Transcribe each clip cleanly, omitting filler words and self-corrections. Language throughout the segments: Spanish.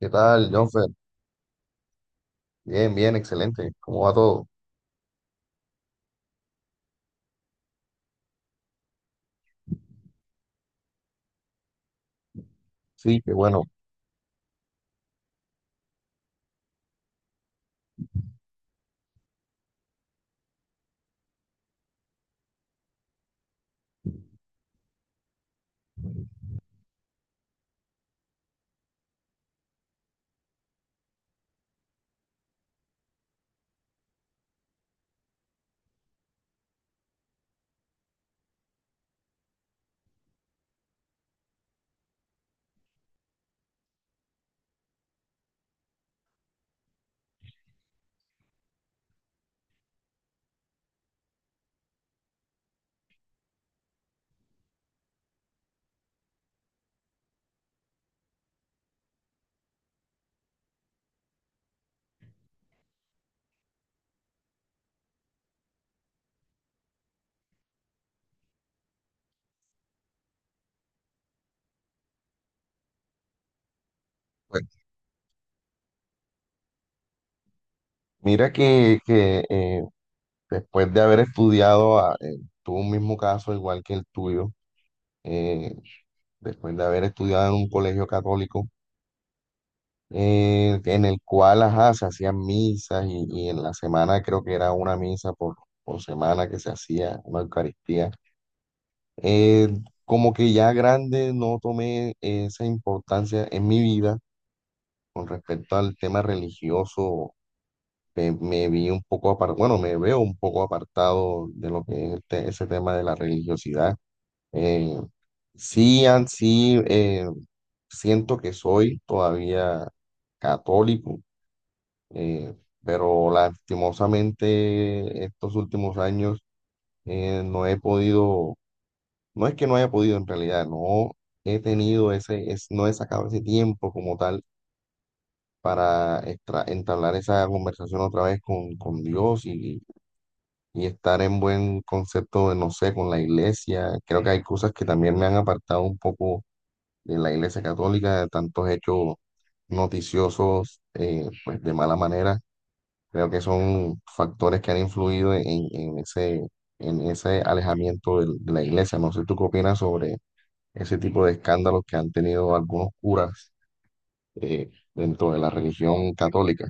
¿Qué tal, Jonfer? Bien, bien, excelente. ¿Cómo va todo? Sí, qué bueno. Pues mira que, después de haber estudiado tu mismo caso, igual que el tuyo, eh, después de haber estudiado en un colegio católico, en el cual, ajá, se hacían misas y en la semana creo que era una misa por semana que se hacía, una Eucaristía. eh, Como que ya grande no tomé esa importancia en mi vida con respecto al tema religioso me vi un poco apartado, bueno, me veo un poco apartado de lo que es ese tema de la religiosidad. Eh, sí, sí, siento que soy todavía católico, eh, pero lastimosamente estos últimos años no he podido, no es que no haya podido en realidad, no he tenido no he sacado ese tiempo como tal. Para entablar esa conversación otra vez con Dios y estar en buen concepto de, no sé, con la iglesia. Creo que hay cosas que también me han apartado un poco de la iglesia católica, de tantos hechos noticiosos, pues de mala manera. Creo que son factores que han influido en en ese alejamiento de la iglesia. No sé tú qué opinas sobre ese tipo de escándalos que han tenido algunos curas dentro de la religión católica.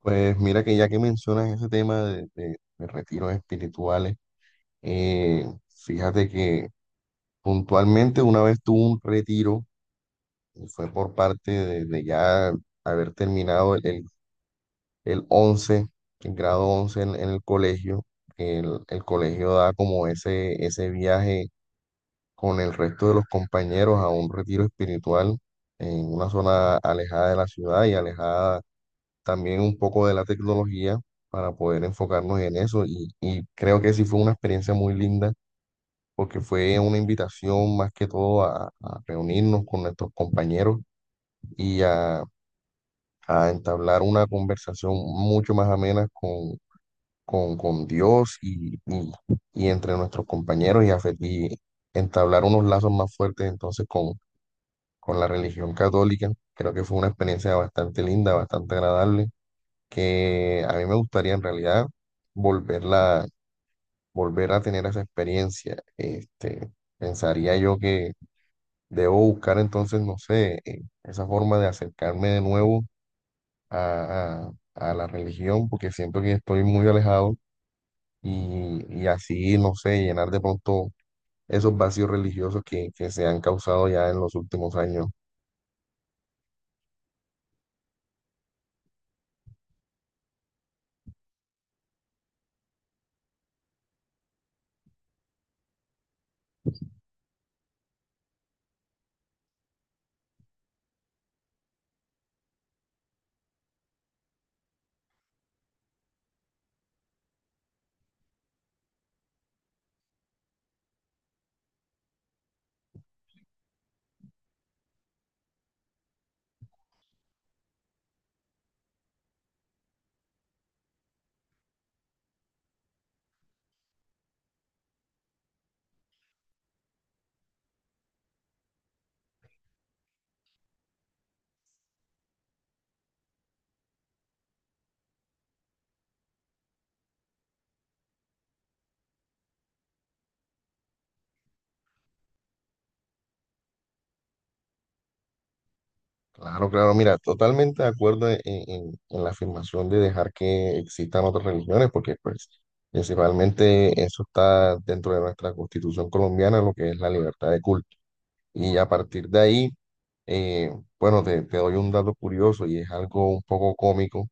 Pues mira que ya que mencionas ese tema de retiros espirituales. Eh, Fíjate que puntualmente una vez tuve un retiro, y fue por parte de ya haber terminado el 11, el grado 11 en el colegio. El colegio da como ese viaje con el resto de los compañeros a un retiro espiritual en una zona alejada de la ciudad y alejada también un poco de la tecnología para poder enfocarnos en eso. Y creo que sí fue una experiencia muy linda porque fue una invitación más que todo a reunirnos con nuestros compañeros y a entablar una conversación mucho más amena con Dios y entre nuestros compañeros y entablar unos lazos más fuertes entonces con la religión católica. Creo que fue una experiencia bastante linda, bastante agradable, que a mí me gustaría en realidad volverla, volver a tener esa experiencia. Pensaría yo que debo buscar entonces, no sé, esa forma de acercarme de nuevo a, a la religión, porque siento que estoy muy alejado y así, no sé, llenar de pronto esos vacíos religiosos que se han causado ya en los últimos años. Claro, claro, mira, totalmente de acuerdo en, en la afirmación de dejar que existan otras religiones, porque pues principalmente eso está dentro de nuestra constitución colombiana, lo que es la libertad de culto. Y a partir de ahí, eh, bueno, te doy un dato curioso y es algo un poco cómico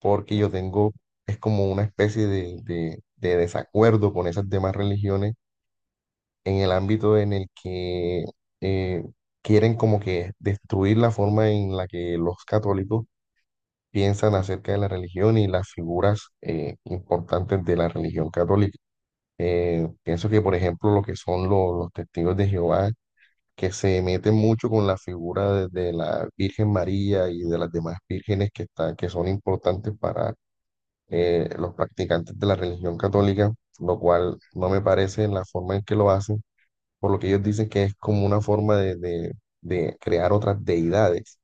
porque yo tengo, es como una especie de desacuerdo con esas demás religiones en el ámbito en el que eh, quieren como que destruir la forma en la que los católicos piensan acerca de la religión y las figuras importantes de la religión católica. Pienso que, por ejemplo, lo que son los testigos de Jehová, que se mete mucho con la figura de la Virgen María y de las demás vírgenes que son importantes para los practicantes de la religión católica, lo cual no me parece la forma en que lo hacen, por lo que ellos dicen que es como una forma de, de crear otras deidades.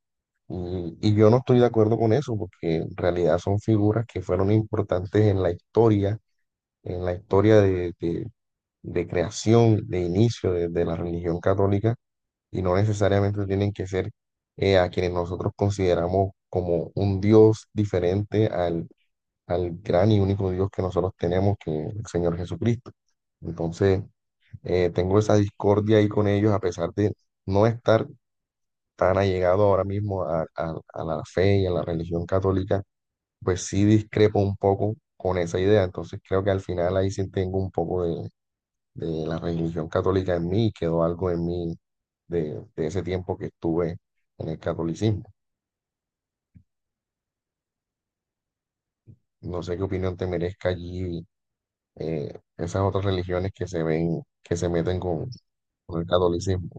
Y yo no estoy de acuerdo con eso, porque en realidad son figuras que fueron importantes en la historia de, de creación, de inicio de la religión católica y no necesariamente tienen que ser a quienes nosotros consideramos como un Dios diferente al, al gran y único Dios que nosotros tenemos, que es el Señor Jesucristo. Entonces, tengo esa discordia ahí con ellos, a pesar de no estar tan allegado ahora mismo a, a la fe y a la religión católica, pues sí discrepo un poco con esa idea. Entonces, creo que al final ahí sí tengo un poco de la religión católica en mí, quedó algo en mí de ese tiempo que estuve en el catolicismo. No sé qué opinión te merezca allí esas otras religiones que se ven, que se meten con el catolicismo.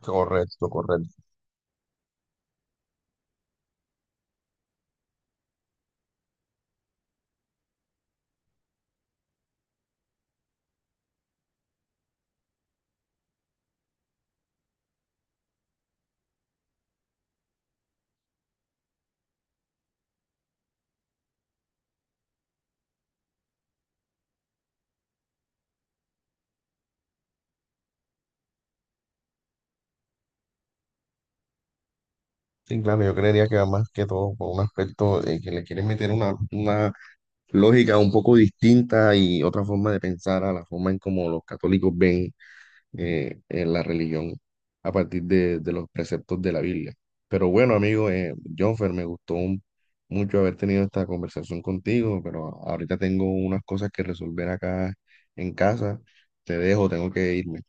Correcto, correcto. Sí, claro, yo creería que va más que todo por un aspecto de que le quieren meter una lógica un poco distinta y otra forma de pensar a la forma en como los católicos ven en la religión a partir de los preceptos de la Biblia. Pero bueno, amigo, Jonfer, me gustó mucho haber tenido esta conversación contigo, pero ahorita tengo unas cosas que resolver acá en casa. Te dejo, tengo que irme.